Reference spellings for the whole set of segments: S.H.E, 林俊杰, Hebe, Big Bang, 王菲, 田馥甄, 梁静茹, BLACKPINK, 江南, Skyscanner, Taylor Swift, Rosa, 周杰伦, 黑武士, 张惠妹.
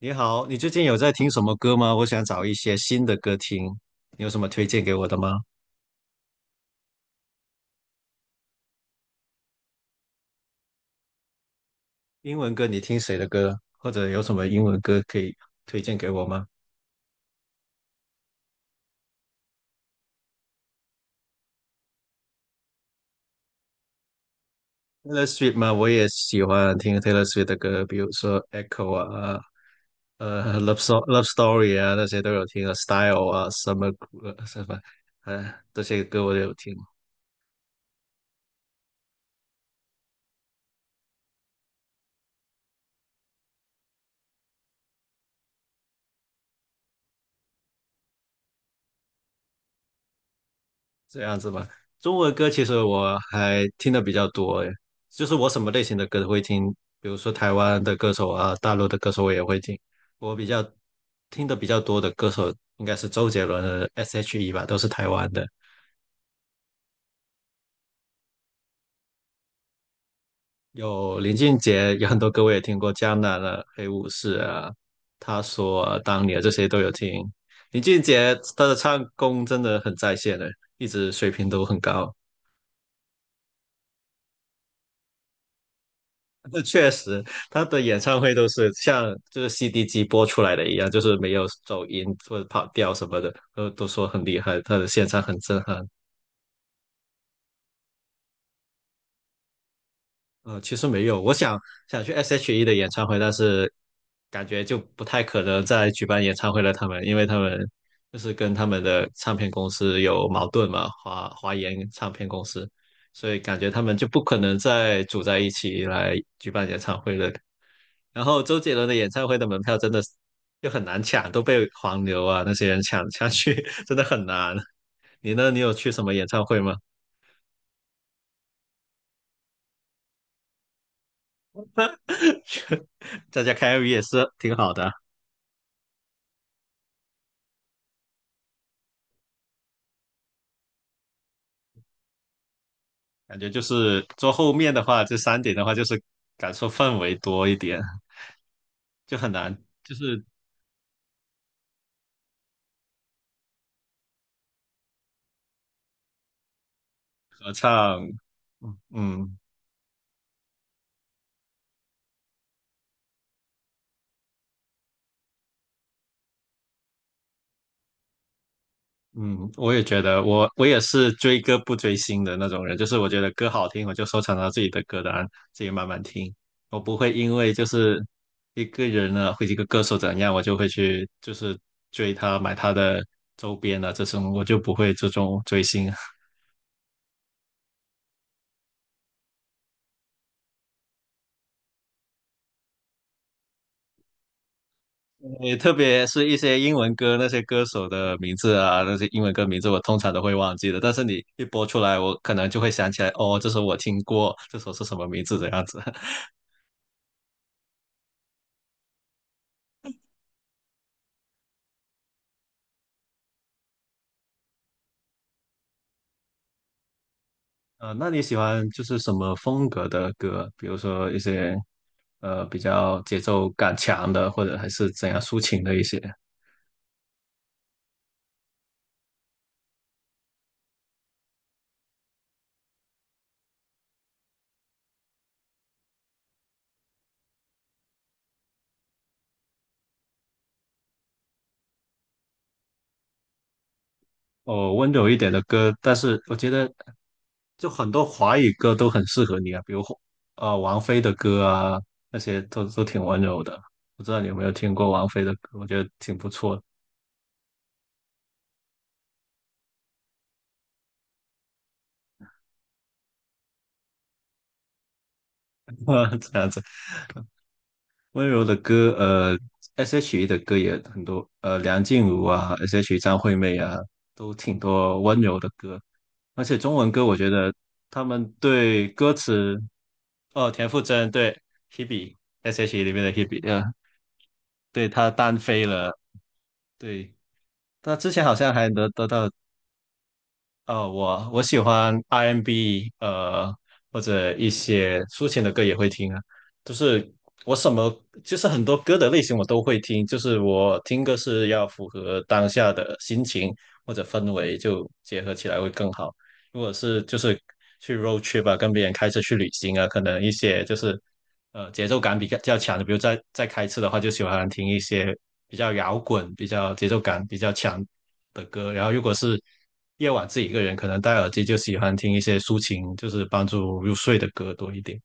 你好，你最近有在听什么歌吗？我想找一些新的歌听，你有什么推荐给我的吗？英文歌你听谁的歌？或者有什么英文歌可以推荐给我吗？Taylor Swift 吗？我也喜欢听 Taylor Swift 的歌，比如说《Echo》啊，《Love So Love Story》啊，那些都有听啊，《Style》啊，《Summer》呃什么，呃，这些歌我都有听。这样子吧，中文歌其实我还听的比较多，诶，就是我什么类型的歌都会听，比如说台湾的歌手啊，大陆的歌手我也会听。我比较听的比较多的歌手应该是周杰伦的 S.H.E 吧，都是台湾的。有林俊杰，有很多歌我也听过，《江南》啊，《黑武士》啊，他说、啊、当年啊这些都有听。林俊杰他的唱功真的很在线的，一直水平都很高。这确实，他的演唱会都是像就是 CD 机播出来的一样，就是没有走音或者跑调什么的，都说很厉害，他的现场很震撼。其实没有，我想去 S.H.E 的演唱会，但是感觉就不太可能再举办演唱会了。因为他们就是跟他们的唱片公司有矛盾嘛，华研唱片公司，所以感觉他们就不可能再组在一起来举办演唱会了。然后周杰伦的演唱会的门票真的是就很难抢，都被黄牛啊那些人抢去，真的很难。你呢？你有去什么演唱会吗？在家开 MV 也是挺好的啊，感觉就是坐后面的话，这三点的话就是感受氛围多一点，就很难，就是合唱，嗯，嗯，我也觉得我也是追歌不追星的那种人，就是我觉得歌好听，我就收藏到自己的歌单，自己慢慢听。我不会因为就是一个人呢，或者一个歌手怎样，我就会去就是追他，买他的周边啊，这种我就不会这种追星啊。也特别是一些英文歌，那些歌手的名字啊，那些英文歌名字我通常都会忘记的。但是你一播出来，我可能就会想起来，哦，这首我听过，这首是什么名字这样子。那你喜欢就是什么风格的歌？比如说一些比较节奏感强的，或者还是怎样抒情的一些，哦，温柔一点的歌。但是我觉得就很多华语歌都很适合你啊，比如王菲的歌啊，那些都挺温柔的。不知道你有没有听过王菲的歌？我觉得挺不错的，这样子。温柔的歌，S.H.E 的歌也很多，梁静茹啊，S.H.E 张惠妹啊，都挺多温柔的歌。而且中文歌，我觉得他们对歌词，哦，田馥甄对 Hebe，S.H.E 里面的 Hebe，对她单飞了，对，她之前好像还得到。我喜欢 R&B，或者一些抒情的歌也会听啊。就是我什么，就是很多歌的类型我都会听。就是我听歌是要符合当下的心情或者氛围，就结合起来会更好。如果是就是去 road trip 啊，跟别人开车去旅行啊，可能一些就是节奏感比较强的，比如在开车的话，就喜欢听一些比较摇滚、比较节奏感比较强的歌，然后如果是夜晚自己一个人，可能戴耳机就喜欢听一些抒情，就是帮助入睡的歌多一点。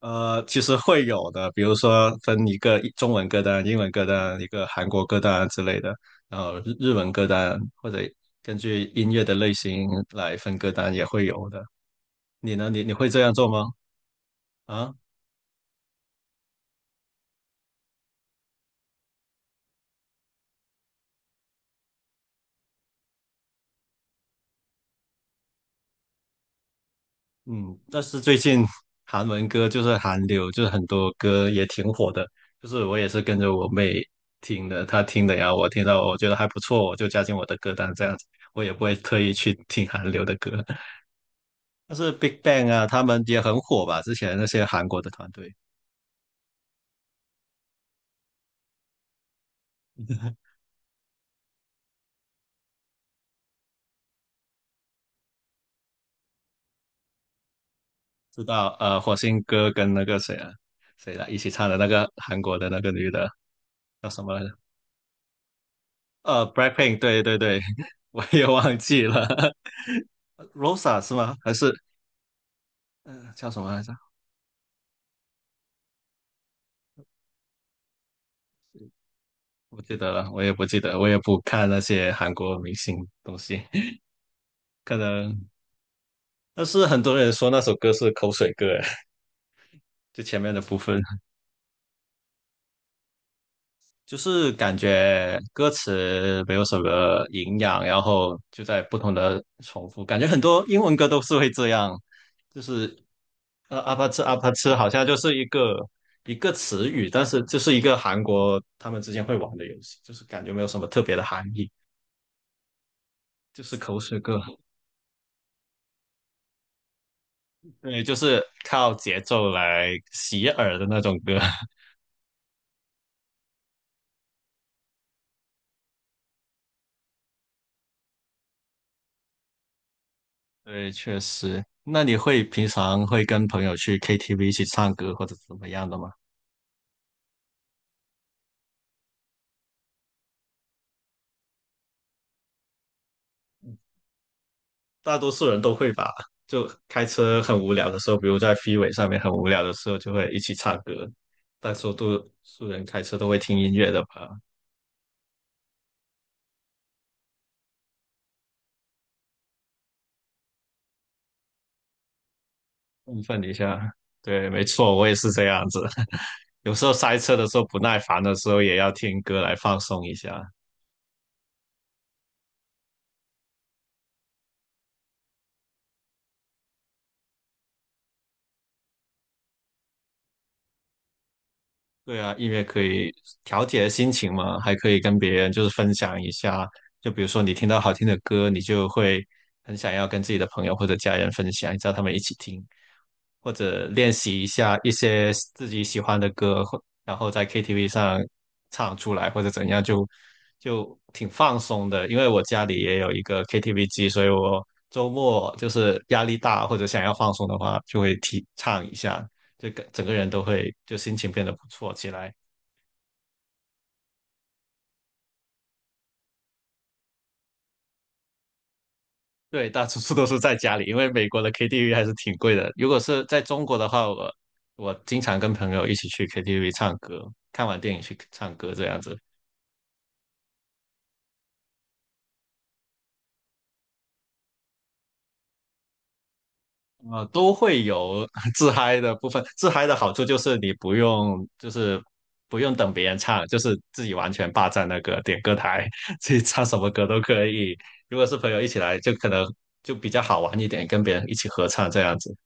其实会有的，比如说分一个中文歌单、英文歌单、一个韩国歌单之类的，然后日文歌单，或者根据音乐的类型来分歌单也会有的。你呢？你会这样做吗？啊？嗯，但是最近 韩文歌就是韩流，就是很多歌也挺火的，就是我也是跟着我妹听的，她听的呀，我听到我觉得还不错，我就加进我的歌单这样子，我也不会特意去听韩流的歌。但是 Big Bang 啊，他们也很火吧？之前那些韩国的团队，知道火星哥跟那个谁啊谁来一起唱的那个韩国的那个女的叫什么来着？BLACKPINK，对对对，我也忘记了 ，Rosa 是吗？还是叫什么来着？不记得了，我也不记得，我也不看那些韩国明星东西，可能。但是很多人说那首歌是口水歌，就前面的部分，就是感觉歌词没有什么营养，然后就在不同的重复，感觉很多英文歌都是会这样，就是阿帕吃阿帕吃，好像就是一个一个词语，但是就是一个韩国他们之间会玩的游戏，就是感觉没有什么特别的含义，就是口水歌。对，就是靠节奏来洗耳的那种歌。对，确实。那你会平常会跟朋友去 KTV 一起唱歌或者怎么样的吗？大多数人都会吧，就开车很无聊的时候，比如在 FRE 上面很无聊的时候，就会一起唱歌。大多数人开车都会听音乐的吧，振奋一下。对，没错，我也是这样子。有时候塞车的时候不耐烦的时候，也要听歌来放松一下。对啊，音乐可以调节心情嘛，还可以跟别人就是分享一下。就比如说你听到好听的歌，你就会很想要跟自己的朋友或者家人分享，叫他们一起听，或者练习一下一些自己喜欢的歌，或然后在 KTV 上唱出来或者怎样，就挺放松的。因为我家里也有一个 KTV 机，所以我周末就是压力大或者想要放松的话，就会提唱一下。就个整个人都会就心情变得不错起来。对，大多数都是在家里，因为美国的 KTV 还是挺贵的。如果是在中国的话，我经常跟朋友一起去 KTV 唱歌，看完电影去唱歌这样子，啊，都会有 自嗨的部分。自嗨的好处就是你不用就是不用等别人唱，就是自己完全霸占那个点歌台，自己唱什么歌都可以。如果是朋友一起来，就可能就比较好玩一点，跟别人一起合唱这样子。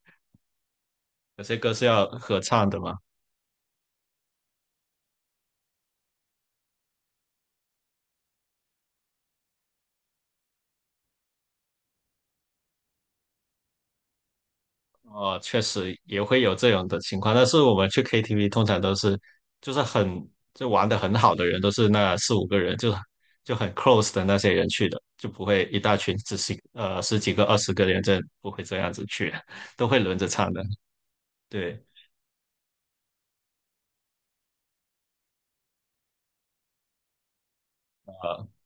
有些歌是要合唱的嘛，哦，确实也会有这种的情况。但是我们去 KTV 通常都是，就是很，就玩的很好的人，都是那四五个人，就很 close 的那些人去的，就不会一大群只是十几个、20个人，这不会这样子去，都会轮着唱的。对，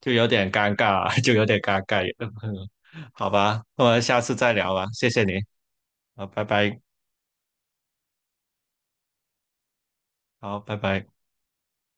就有点尴尬，就有点尴尬。好吧，那我们下次再聊吧，谢谢您，好，拜拜，好，拜拜。